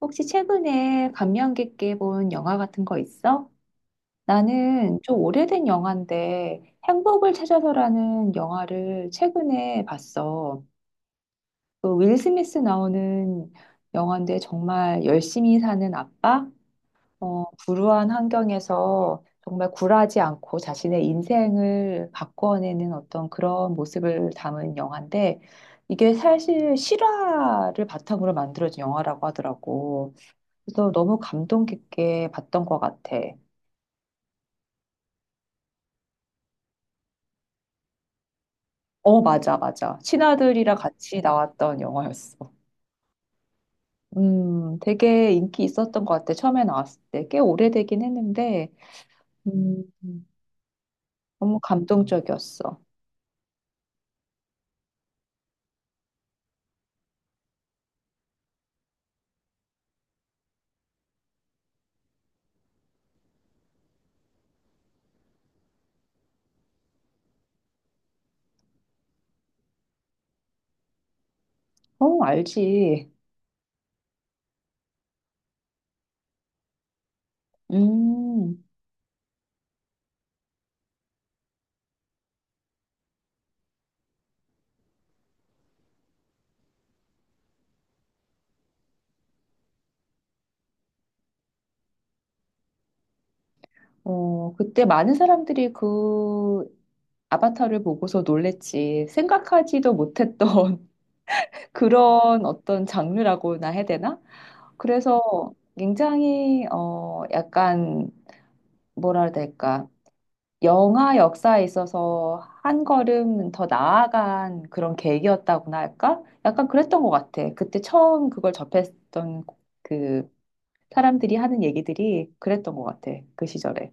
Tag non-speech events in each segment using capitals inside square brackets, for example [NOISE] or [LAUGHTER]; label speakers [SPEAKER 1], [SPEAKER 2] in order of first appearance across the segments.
[SPEAKER 1] 혹시 최근에 감명 깊게 본 영화 같은 거 있어? 나는 좀 오래된 영화인데 행복을 찾아서라는 영화를 최근에 봤어. 그 윌 스미스 나오는 영화인데 정말 열심히 사는 아빠, 불우한 환경에서 정말 굴하지 않고 자신의 인생을 바꿔내는 어떤 그런 모습을 담은 영화인데 이게 사실 실화를 바탕으로 만들어진 영화라고 하더라고. 그래서 너무 감동 깊게 봤던 것 같아. 어, 맞아, 맞아. 친아들이랑 같이 나왔던 영화였어. 되게 인기 있었던 것 같아. 처음에 나왔을 때. 꽤 오래되긴 했는데, 음, 너무 감동적이었어. 어, 알지. 음, 그때 많은 사람들이 그 아바타를 보고서 놀랬지. 생각하지도 못했던 [LAUGHS] 그런 어떤 장르라고나 해야 되나? 그래서 굉장히, 약간, 뭐라 해야 될까? 영화 역사에 있어서 한 걸음 더 나아간 그런 계기였다고나 할까? 약간 그랬던 것 같아. 그때 처음 그걸 접했던 그 사람들이 하는 얘기들이 그랬던 것 같아. 그 시절에.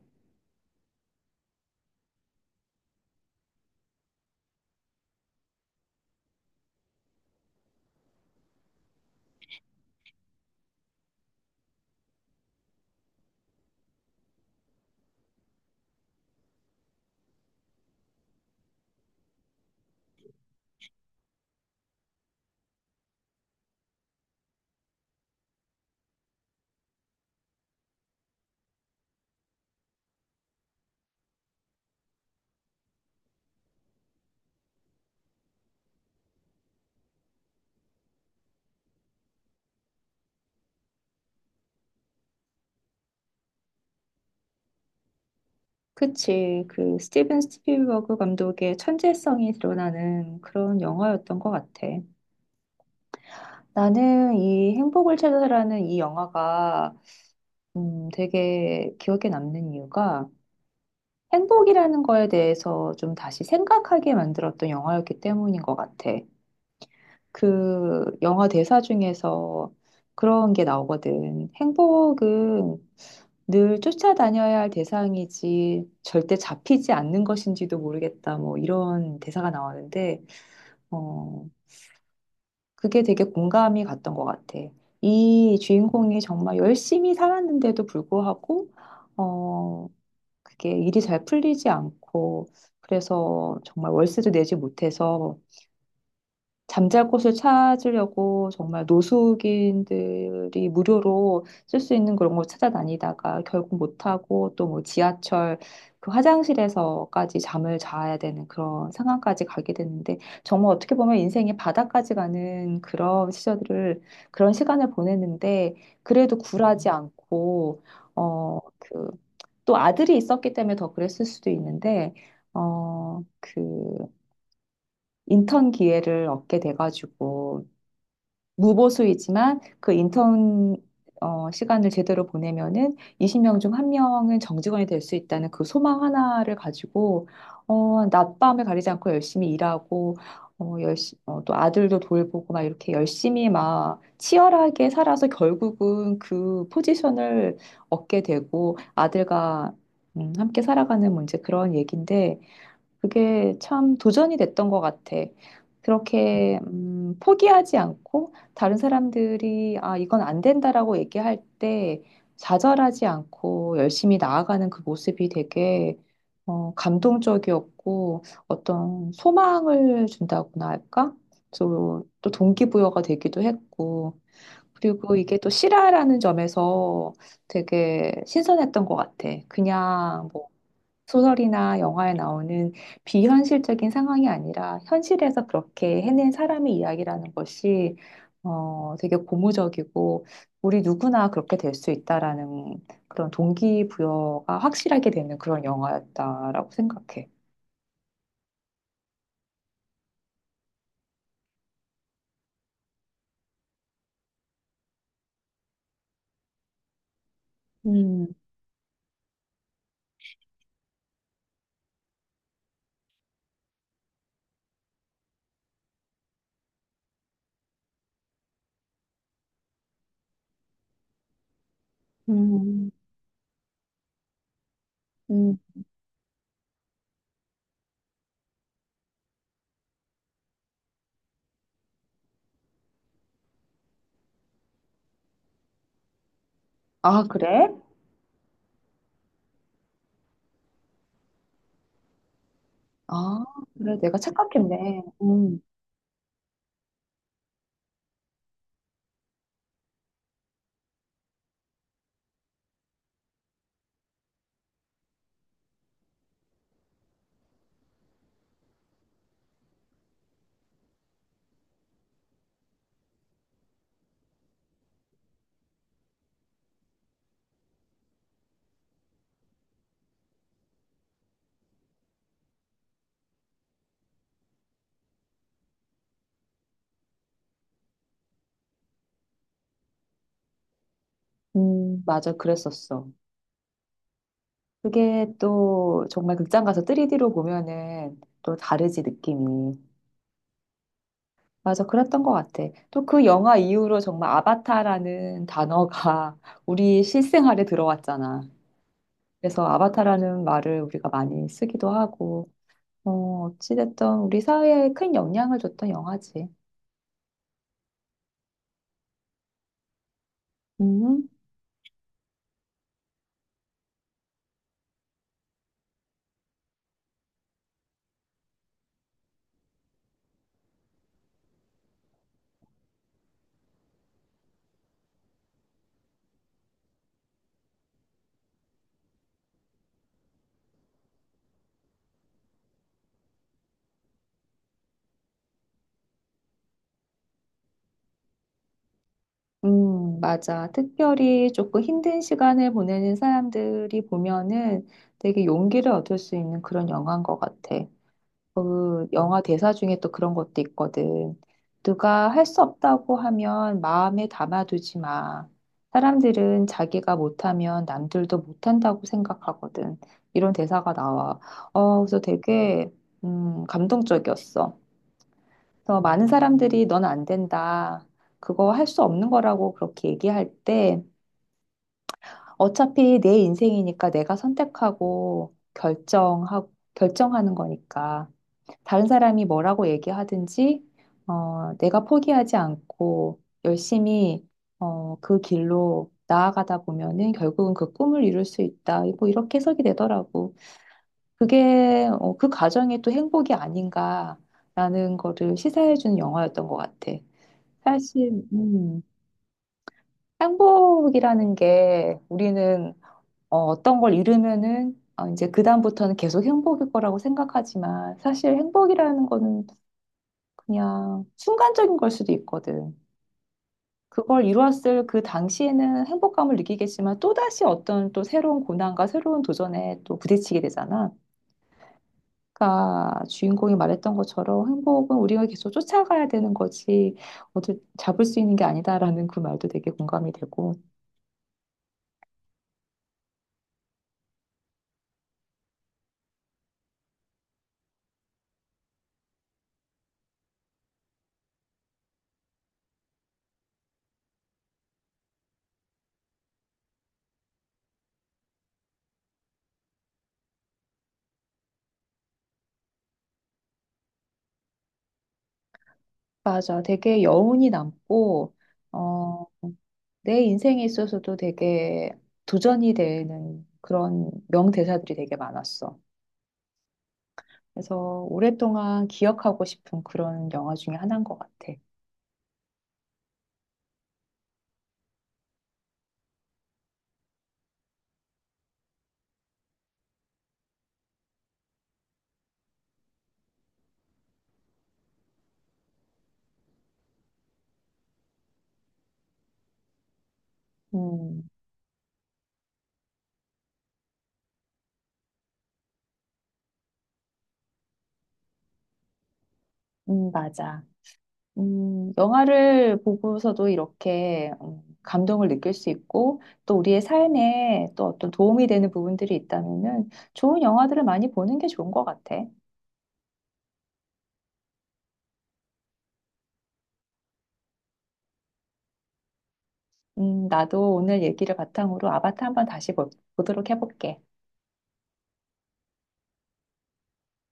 [SPEAKER 1] 그치. 그 스티븐 스필버그 감독의 천재성이 드러나는 그런 영화였던 것 같아. 나는 이 행복을 찾아라는 이 영화가 되게 기억에 남는 이유가 행복이라는 거에 대해서 좀 다시 생각하게 만들었던 영화였기 때문인 것 같아. 그 영화 대사 중에서 그런 게 나오거든. 행복은 늘 쫓아다녀야 할 대상이지 절대 잡히지 않는 것인지도 모르겠다. 뭐 이런 대사가 나오는데, 어, 그게 되게 공감이 갔던 것 같아. 이 주인공이 정말 열심히 살았는데도 불구하고, 어, 그게 일이 잘 풀리지 않고 그래서 정말 월세도 내지 못해서 잠잘 곳을 찾으려고 정말 노숙인들이 무료로 쓸 수 있는 그런 걸 찾아다니다가 결국 못하고 또 뭐 지하철 그 화장실에서까지 잠을 자야 되는 그런 상황까지 가게 되는데 정말 어떻게 보면 인생의 바닥까지 가는 그런 시절을 들 그런 시간을 보냈는데 그래도 굴하지 않고 어, 그 또 아들이 있었기 때문에 더 그랬을 수도 있는데 어, 그 인턴 기회를 얻게 돼가지고 무보수이지만 그 인턴 시간을 제대로 보내면은 20명 중 한 명은 정직원이 될 수 있다는 그 소망 하나를 가지고 낮밤을 가리지 않고 열심히 일하고 또 아들도 돌보고 막 이렇게 열심히 막 치열하게 살아서 결국은 그 포지션을 얻게 되고 아들과 함께 살아가는 문제 그런 얘기인데 그게 참 도전이 됐던 것 같아. 그렇게 포기하지 않고 다른 사람들이 아, 이건 안 된다라고 얘기할 때 좌절하지 않고 열심히 나아가는 그 모습이 되게 감동적이었고 어떤 소망을 준다고나 할까? 또, 또 동기부여가 되기도 했고 그리고 이게 또 실화라는 점에서 되게 신선했던 것 같아. 그냥 뭐 소설이나 영화에 나오는 비현실적인 상황이 아니라 현실에서 그렇게 해낸 사람의 이야기라는 것이 되게 고무적이고 우리 누구나 그렇게 될 수 있다라는 그런 동기부여가 확실하게 되는 그런 영화였다라고 생각해. 음, 음, 음. 아, 그래? 아, 그래. 내가 착각했네. 맞아. 그랬었어. 그게 또 정말 극장 가서 3D로 보면은 또 다르지, 느낌이. 맞아, 그랬던 것 같아. 또 그 영화 이후로 정말 아바타라는 단어가 [LAUGHS] 우리 실생활에 들어왔잖아. 그래서 아바타라는 말을 우리가 많이 쓰기도 하고, 어찌됐든 우리 사회에 큰 영향을 줬던 영화지. 음, 맞아. 특별히 조금 힘든 시간을 보내는 사람들이 보면은 되게 용기를 얻을 수 있는 그런 영화인 것 같아. 그 영화 대사 중에 또 그런 것도 있거든. 누가 할 수 없다고 하면 마음에 담아두지 마. 사람들은 자기가 못하면 남들도 못한다고 생각하거든. 이런 대사가 나와. 그래서 되게, 감동적이었어. 그래서 많은 사람들이 넌 안 된다. 그거 할 수 없는 거라고 그렇게 얘기할 때, 어차피 내 인생이니까 내가 결정하는 거니까. 다른 사람이 뭐라고 얘기하든지, 내가 포기하지 않고 열심히, 그 길로 나아가다 보면은 결국은 그 꿈을 이룰 수 있다. 뭐 이렇게 해석이 되더라고. 그게, 그 과정이 또 행복이 아닌가라는 거를 시사해주는 영화였던 것 같아. 사실, 행복이라는 게 우리는 어떤 걸 잃으면은 이제 그다음부터는 계속 행복일 거라고 생각하지만 사실 행복이라는 거는 그냥 순간적인 걸 수도 있거든. 그걸 이루었을 그 당시에는 행복감을 느끼겠지만 또다시 어떤 또 새로운 고난과 새로운 도전에 또 부딪히게 되잖아. 그러니까 주인공이 말했던 것처럼 행복은 우리가 계속 쫓아가야 되는 거지 어디 잡을 수 있는 게 아니다라는 그 말도 되게 공감이 되고. 맞아. 되게 여운이 남고 어, 내 인생에 있어서도 되게 도전이 되는 그런 명대사들이 되게 많았어. 그래서 오랫동안 기억하고 싶은 그런 영화 중에 하나인 것 같아. 음, 맞아. 영화를 보고서도 이렇게 감동을 느낄 수 있고 또 우리의 삶에 또 어떤 도움이 되는 부분들이 있다면은 좋은 영화들을 많이 보는 게 좋은 것 같아. 나도 오늘 얘기를 바탕으로 아바타 한번 다시 보, 보도록 해볼게.